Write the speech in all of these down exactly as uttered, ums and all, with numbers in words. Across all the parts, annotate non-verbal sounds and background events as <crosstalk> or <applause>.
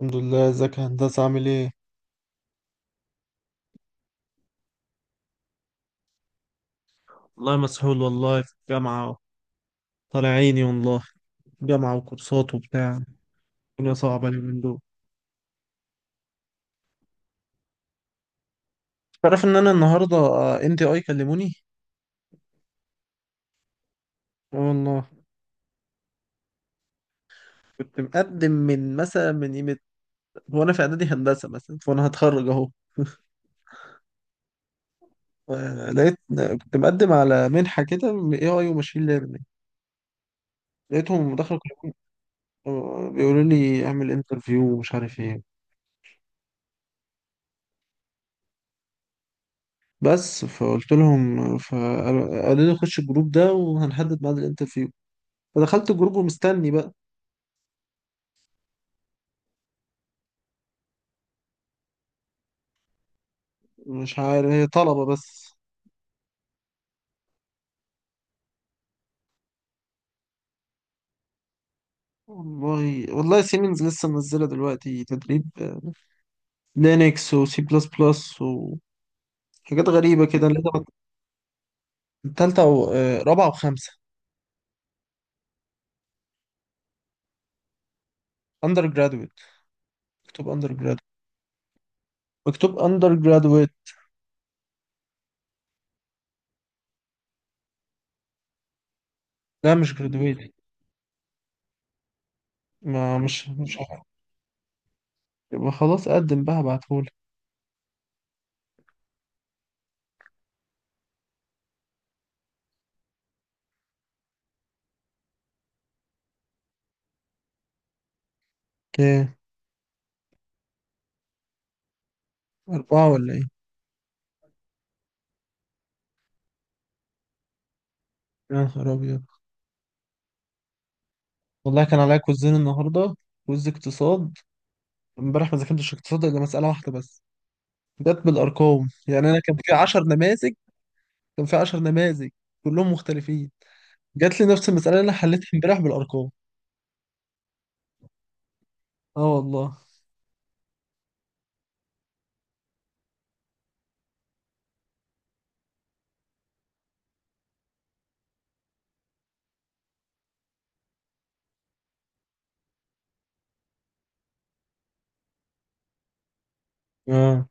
الحمد لله. ازيك يا هندسة؟ عامل ايه؟ والله مسحول، والله في الجامعة. طالع عيني والله. جامعة وكورسات وبتاع. الدنيا صعبة اليومين دول. تعرف ان انا النهارده ان تي اي كلموني. اه والله. كنت مقدم من مثلا، من قيمه. وانا في اعدادي هندسه مثلا فانا هتخرج اهو. آه، لقيت، آه، كنت مقدم على منحه كده اي اي وماشين ليرنينج. لقيتهم دخلوا. كلموني، آه، بيقولوا لي اعمل انترفيو ومش عارف ايه. بس فقلت لهم، فقالوا لي خش الجروب ده وهنحدد ميعاد الانترفيو. فدخلت الجروب ومستني بقى. مش عارف، هي طلبة بس. والله والله، سيمنز لسه منزلة دلوقتي تدريب لينكس وسي بلس بلس وحاجات غريبة كده، اللي هي تالتة و آه، رابعة وخمسة. اندر جرادويت، مكتوب اندر جرادويت، مكتوب اندر جرادويت. لا، مش جرادويت. ما مش مش عارف. يبقى خلاص قدم بقى، هبعتهولك. ايه، أربعة ولا ايه؟ يا نهار أبيض. والله كان عليا كوزين النهاردة، كوز اقتصاد. امبارح ما ذاكرتش اقتصاد إلا مسألة واحدة بس. جت بالارقام، يعني انا كان في 10 نماذج، كان في 10 نماذج كلهم مختلفين. جات لي نفس المساله اللي انا حليتها امبارح بالارقام. اه والله. اه،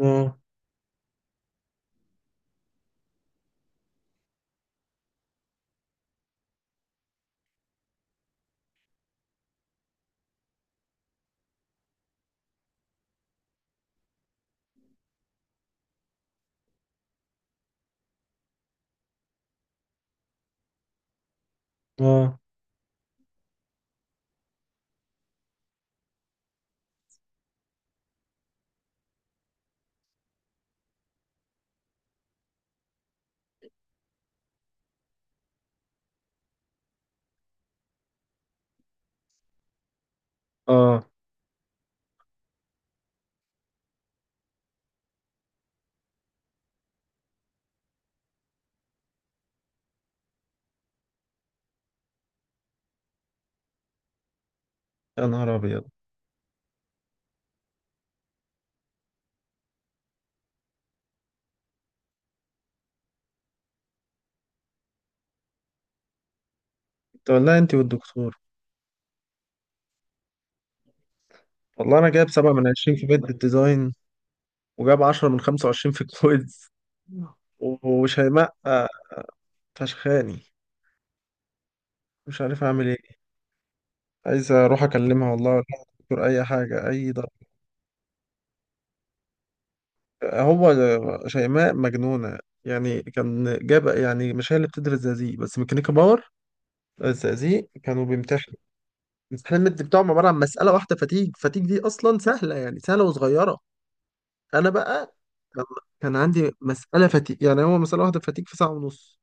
اه، اه، اه. يا نهار ابيض. انت والله، انت والدكتور. والله انا جايب سبعة من عشرين في بيت الديزاين، وجايب عشرة من خمسة وعشرين في الكويز. وشيماء آه، فشخاني. مش عارف اعمل ايه. عايز اروح اكلمها والله، ولا الدكتور، اي حاجة، اي ضرب. هو شيماء مجنونة، يعني كان جاب. يعني مش هي اللي بتدرس زقازيق بس، ميكانيكا باور. الزقازيق كانوا بيمتحنوا. الامتحان المد بتاعهم عبارة عن مسألة واحدة فتيج. فتيج دي أصلا سهلة يعني، سهلة وصغيرة. أنا بقى كان كان عندي مسألة فتيج، يعني هو مسألة واحدة فتيج في ساعة ونص.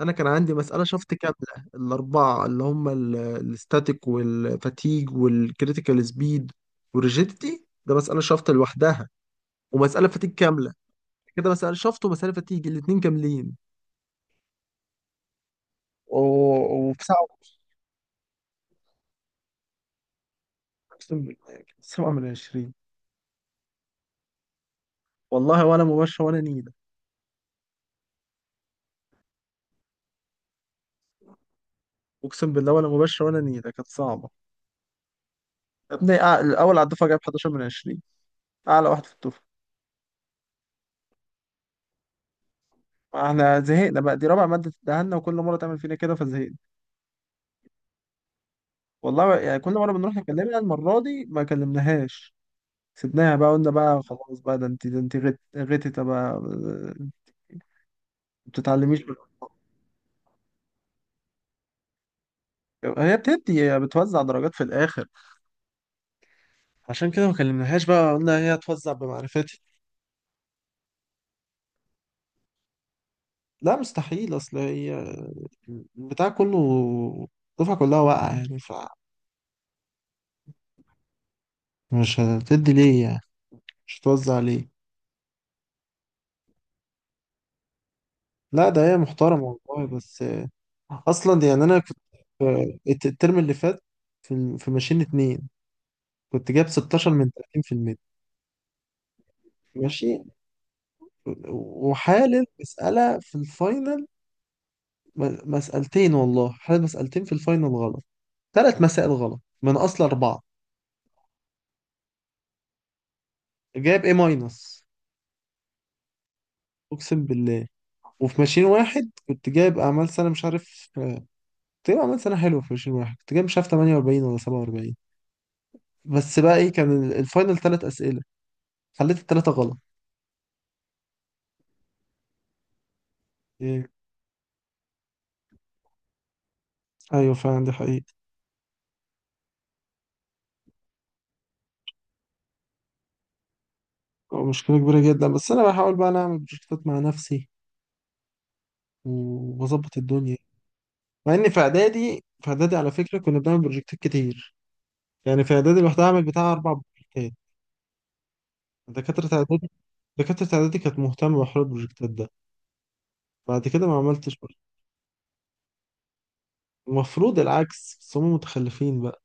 أنا كان عندي مسألة شفط كاملة، الأربعة اللي هم ال- الاستاتيك والفتيج والكريتيكال سبيد والريجيديتي. ده مسألة شفط لوحدها، ومسألة فتيج كاملة. كده مسافة شفط ومسافة تيجي الاتنين كاملين. و- وفي ساعة ونص. أقسم بالله كانت سبعة من عشرين. والله، ولا مباشرة ولا نيلة. أقسم بالله ولا مباشرة ولا نيلة، كانت صعبة. يا ابني، أع- الأول على الدفعة جايب حداشر من عشرين، أعلى واحد في الدفعة. احنا زهقنا بقى، دي رابع مادة تدهنا وكل مرة تعمل فينا كده فزهقنا. والله يعني كل مرة بنروح نكلمها، المرة دي ما كلمناهاش. سيبناها بقى، قلنا بقى خلاص بقى، ده انت ده انت غت- غتت بقى ما بتتعلميش بقى. هي بتدي هي بتوزع درجات في الآخر. عشان كده ما كلمناهاش بقى، قلنا هي هتوزع بمعرفتي. لا مستحيل، اصل هي البتاع كله، الدفعة كلها واقعة يعني. فمش هتدي ليه؟ يعني مش هتوزع ليه. لا، ده هي محترمة والله، بس اصلا يعني انا كنت الت- الترم اللي فات في في ماشين اتنين كنت جايب ستاشر من ثلاثين في المية. ماشي. وحالل مسألة في الفاينل، م- مسألتين. والله حالل مسألتين في الفاينل غلط، ثلاث مسائل غلط من اصل اربعة. جايب ايه، ماينس. اقسم بالله. وفي ماشين واحد كنت جايب اعمال سنه مش عارف، آه، كنت جايب اعمال سنه حلوه. في ماشين واحد كنت جايب مش عارف، تمنية واربعين ولا سبعة واربعين. بس بقى ايه، كان ال- الفاينل ثلاث اسئله، خليت الثلاثه غلط. ايه. ايوه فعلا، دي حقيقه. مشكله كبيره جدا، بس انا بحاول بقى، أنا اعمل بروجكتات مع نفسي واظبط الدنيا. مع ان في اعدادي في اعدادي على فكره كنا بنعمل بروجكتات كتير. يعني في اعدادي لوحدها اعمل بتاع اربع بروجكتات. دكاتره اعدادي دكاتره اعدادي كانت مهتمه بحوار البروجكتات ده. بعد كده ما عملتش. المفروض العكس، بس هم متخلفين بقى.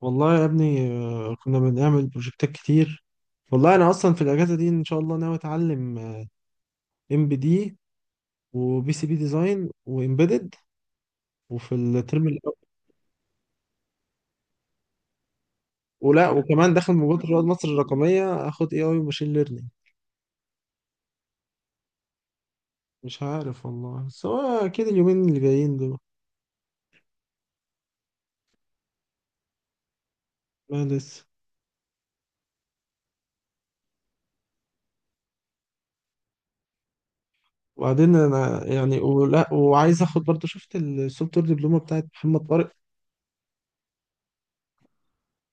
والله يا ابني، آه، كنا بنعمل بروجكتات كتير. والله انا اصلا في الاجازه دي ان شاء الله ناوي اتعلم ام بي دي وبي سي بي ديزاين وامبيدد، وفي الترم الأول. ولا وكمان داخل مبادره رواد مصر الرقميه اخد اي اي وماشين ليرنينج. مش عارف والله، بس هو اكيد اليومين اللي جايين دول. ما لسه. وبعدين انا يعني، ولا وعايز اخد برضه، شفت السوفت وير دبلومه بتاعت محمد طارق.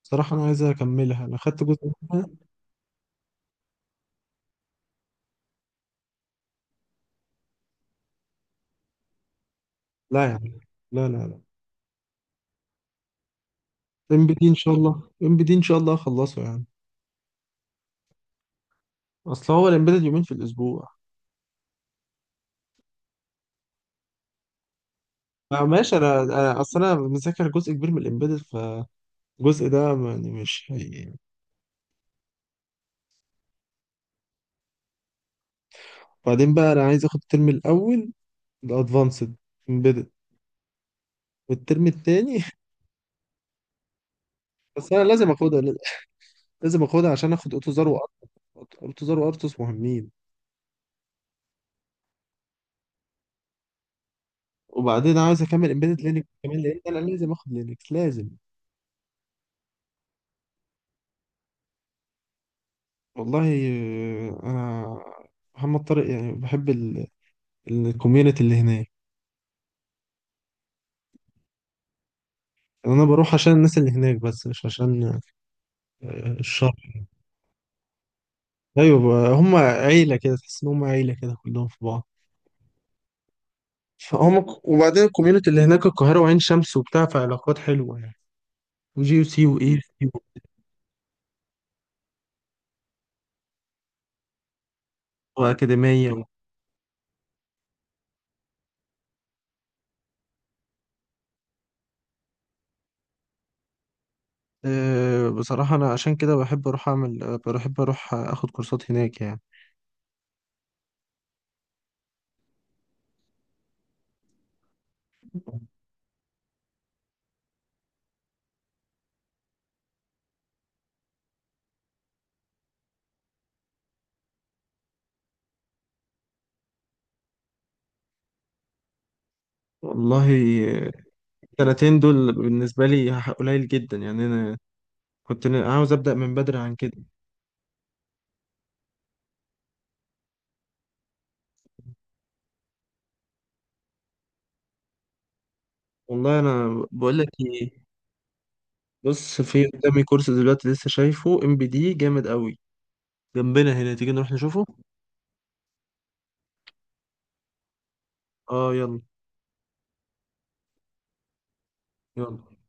صراحه انا عايز اكملها، انا خدت جزء منها. لا يا عم، لا، لا، لا. ام بي دي ان شاء الله، ام بي دي ان شاء الله اخلصه يعني. اصل هو الامبيدد يومين في الاسبوع. آه ماشي، انا انا اصل انا مذاكر جزء كبير من الامبيدد، فالجزء ده ما- يعني مش هي... بعدين بقى انا عايز اخد الترم الاول، الادفانسد امبيدد، والترم التاني <laughs> بس انا لازم اخدها، لازم اخدها عشان اخد اوتوزار وارتوس. اوتوزار وارتوس مهمين. وبعدين عاوز اكمل امبيدد لينكس كمان، لان انا لازم اخد لينكس لازم. والله، آه، انا محمد طارق يعني بحب الكوميونتي اللي هناك. انا بروح عشان الناس اللي هناك، بس مش عشان آه، الشر. ايوه بقى، هم عيله كده، تحس ان هم عيله كده كلهم في بعض. فهم ك- وبعدين الكوميونتي اللي هناك القاهره وعين شمس وبتاع، فعلاقات حلوه يعني. وجي يو سي واي سي واكاديميه و... أه بصراحه انا عشان كده بحب اروح اعمل، آه، بحب اروح اخد كورسات هناك يعني. والله، السنتين دول بالنسبة لي قليل جدا يعني. أنا كنت عاوز أبدأ من بدري عن كده. والله أنا بقول لك إيه، بص في قدامي كورس دلوقتي، لسه شايفه ام بي دي جامد قوي جنبنا هنا، تيجي نروح نشوفه. اه يلا، يلا.